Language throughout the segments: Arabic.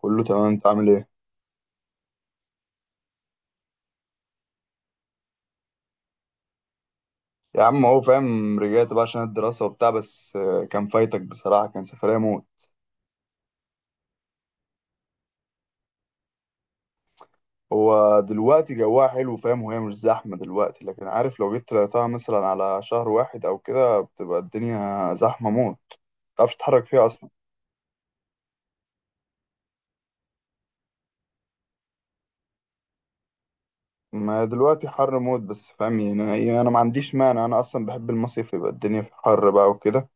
كله تمام، انت عامل ايه؟ يا عم هو فاهم رجعت بقى عشان الدراسة وبتاع بس كان فايتك بصراحة، كان سفرية موت. هو دلوقتي جواها حلو فاهم، وهي مش زحمة دلوقتي، لكن عارف لو جيت طلعتها مثلا على شهر واحد او كده بتبقى الدنيا زحمة موت، متعرفش تتحرك فيها اصلا. ما دلوقتي حر موت بس فاهم، يعني انا ما عنديش مانع، انا اصلا بحب المصيف يبقى الدنيا في حر بقى وكده.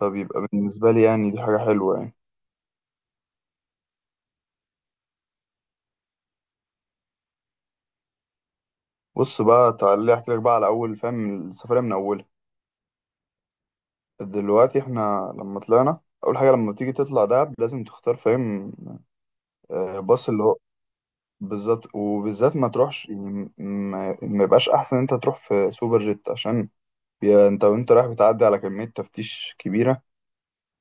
فبيبقى بالنسبة لي يعني دي حاجة حلوة يعني. بص بقى تعالى احكي لك بقى على اول فاهم السفرية من اولها. دلوقتي احنا لما طلعنا اول حاجه لما تيجي تطلع دهب لازم تختار فاهم. باص اللي هو بالظبط، وبالذات ما تروحش يعني ما يبقاش احسن انت تروح في سوبر جيت، عشان يا انت وانت رايح بتعدي على كميه تفتيش كبيره،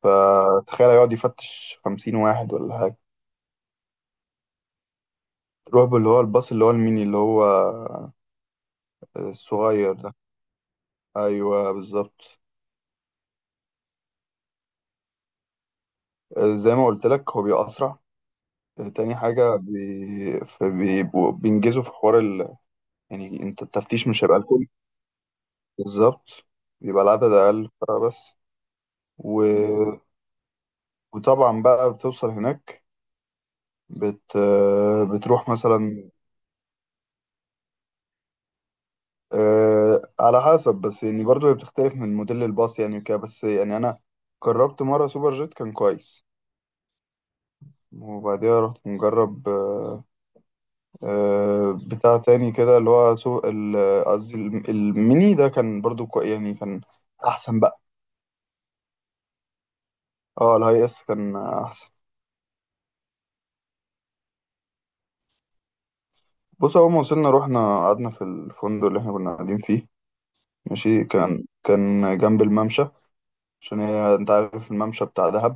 فتخيل يقعد يفتش خمسين واحد ولا حاجه. تروح باللي هو الباص اللي هو الميني اللي هو الصغير ده. ايوه بالظبط. زي ما قلت لك هو بيبقى اسرع. تاني حاجه فبيبقوا بينجزوا في حوار، يعني انت التفتيش مش هيبقى الكل. بالظبط، بيبقى العدد أقل فبس. و... وطبعا بقى بتوصل هناك، بت... بتروح مثلا على حسب، بس يعني برضو هي بتختلف من موديل الباص يعني وكده، بس يعني أنا جربت مرة سوبر جيت كان كويس. وبعديها رحت مجرب بتاع تاني كده اللي هو قصدي الميني ده كان برضو يعني كان أحسن بقى. اه الهاي اس كان أحسن. بص اول ما وصلنا رحنا قعدنا في الفندق اللي احنا كنا قاعدين فيه ماشي، كان جنب الممشى، عشان هي انت عارف الممشى بتاع دهب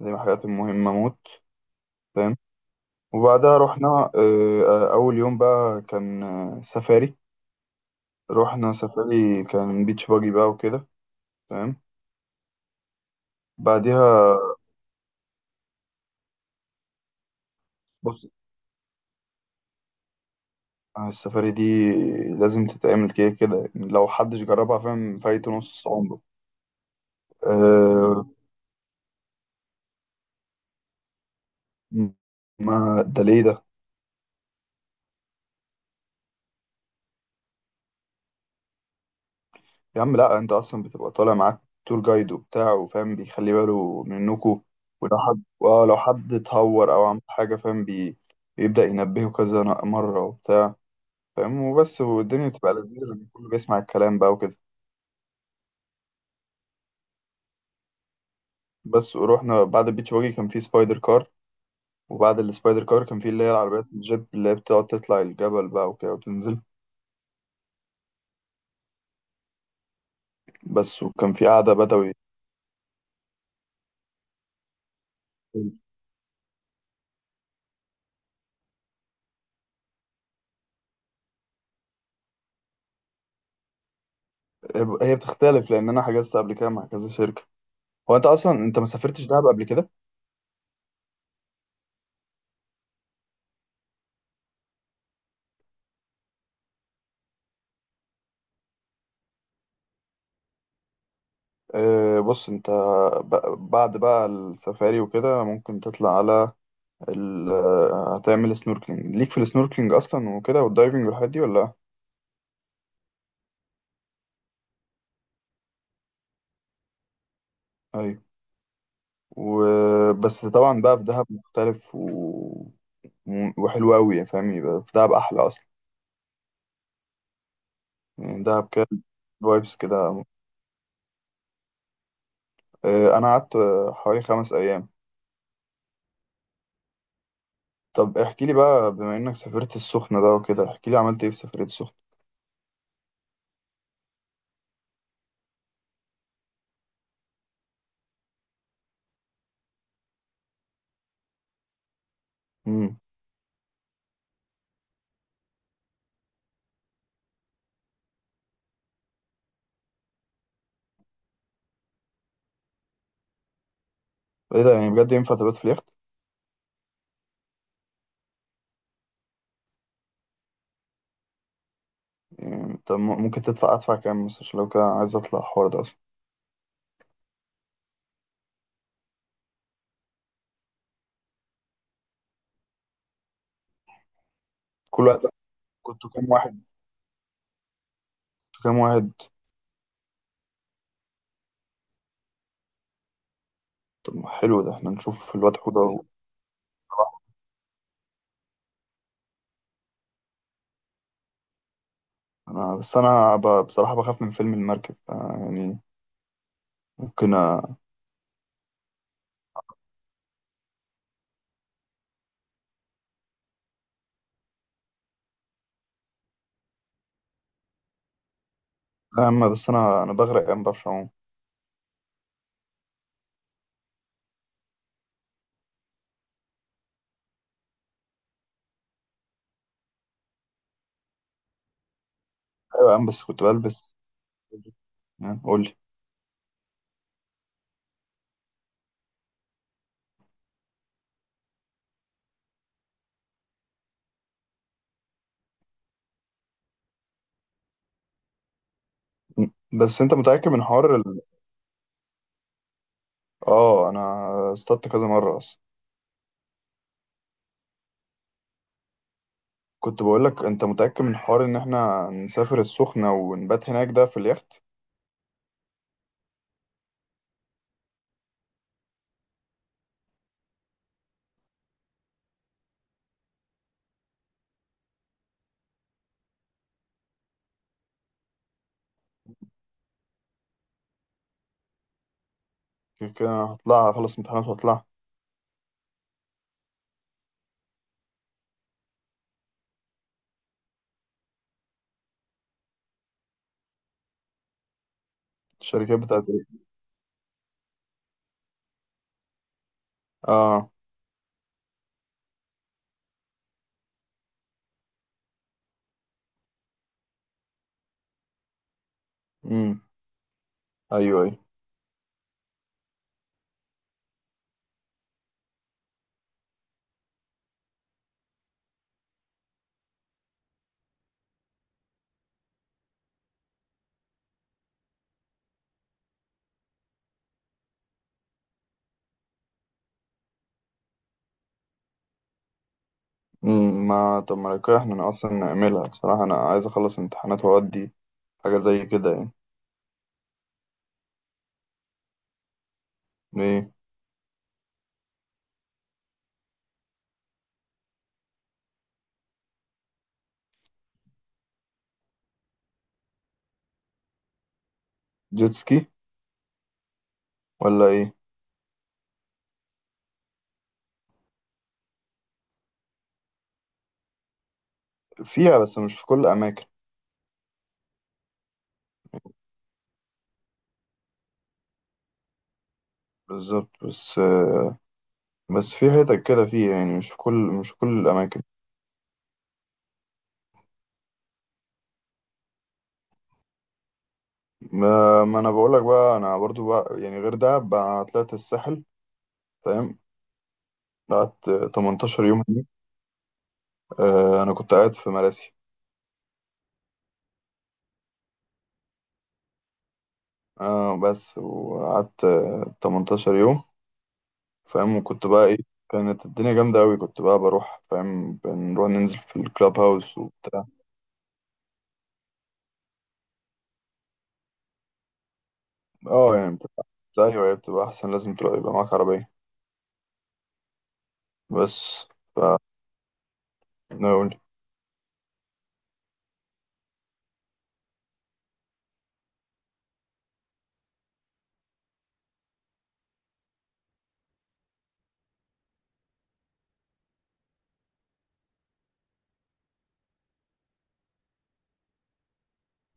دي من الحاجات المهمة موت فاهم. وبعدها رحنا اول يوم بقى كان سفاري. رحنا سفاري كان بيتش باجي بقى وكده فاهم. بعديها بص السفاري دي لازم تتعمل كده كده يعني، لو حدش جربها فاهم فايته نص عمره. أه ما ده ليه ده. يا عم لا، انت اصلا بتبقى طالع معاك تور جايد وبتاع، وفاهم بيخلي باله منكو. ولو حد اه لو حد اتهور او عمل حاجه فاهم بيبدا ينبهه كذا مره وبتاع فاهم وبس. والدنيا بتبقى لذيذه لما كله بيسمع الكلام بقى وكده. بس ورحنا بعد البيتش واجي كان في سبايدر كار، وبعد السبايدر كار كان في اللي هي العربيات الجيب اللي هي بتقعد تطلع الجبل بقى وكده وتنزل. بس وكان في قعده بدوي. هي بتختلف لان انا حجزت قبل كده مع كذا شركه. هو انت اصلا انت ما سافرتش دهب قبل كده. أه بص انت بعد بقى السفاري وكده ممكن تطلع على ال هتعمل سنوركلينج، ليك في السنوركلينج اصلا وكده والدايفنج والحاجات دي ولا لأ؟ ايوه. وبس طبعا بقى في دهب مختلف وحلو قوي يعني، فاهم يبقى في دهب احلى اصلا. يعني دهب كده فايبس كده. أه انا قعدت حوالي خمس ايام. طب احكي لي بقى بما انك سافرت السخنة بقى وكده احكي لي عملت ايه في سفرية السخنة. امم، ايه ده يعني بجد ينفع تبات في اليخت؟ يعني طب ممكن تدفع ادفع كام مثلا عشان لو كده عايز اطلع الحوار ده اصلا. كل وقت كنتوا كام واحد؟ كنتوا كام واحد؟ طب حلو ده احنا نشوف الواد حوده انا بس بصراحه بخاف من فيلم المركب آه يعني، ممكن أ- اما بس انا بغرق يا عم، بعرفش اعوم. ايوه يا عم بس كنت بلبس يعني قول لي. بس انت متاكد من حوار اه انا اصطدت كذا مره اصلا. كنت بقول لك انت متاكد من حوار ان احنا نسافر السخنه ونبات هناك ده في اليخت. كده كده أنا هطلع اخلص امتحانات واطلع. الشركات بتاعت ايه؟ اه. امم. ايوه ايوه. ما طب ما لو كده احنا أنا اصلا نعملها بصراحه، انا عايز اخلص امتحانات واودي حاجه زي كده يعني. ايه، جيت سكي ولا ايه؟ فيها بس مش في كل الاماكن. بالظبط بس، في حتت كده فيها يعني، مش في كل الاماكن. ما انا بقول لك بقى انا برضو بقى يعني غير ده بقى طلعت الساحل فاهم. قعدت 18 يوم هناك. آه انا كنت قاعد في مراسي. آه بس وقعدت 18 يوم فاهم. وكنت بقى ايه، كانت الدنيا جامدة أوي، كنت بقى بروح فاهم بنروح ننزل في الكلاب هاوس وبتاع. اه يعني بتبقى أيوة هي بتبقى أحسن، لازم تروح يبقى معاك عربية بس. أنا أقول إيه؟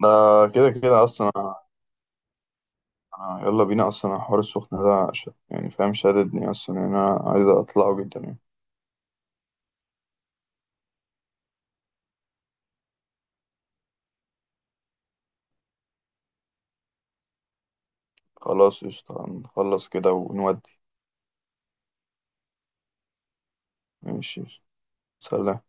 ده كده كده أصلا أنا، أنا يلا بينا أصلا أنا حوار السخنة ده يعني فاهم شاددني أصلا يعني، أنا عايز أطلعه جدا يعني. خلاص قشطة نخلص كده ونودي. ماشي، سلام.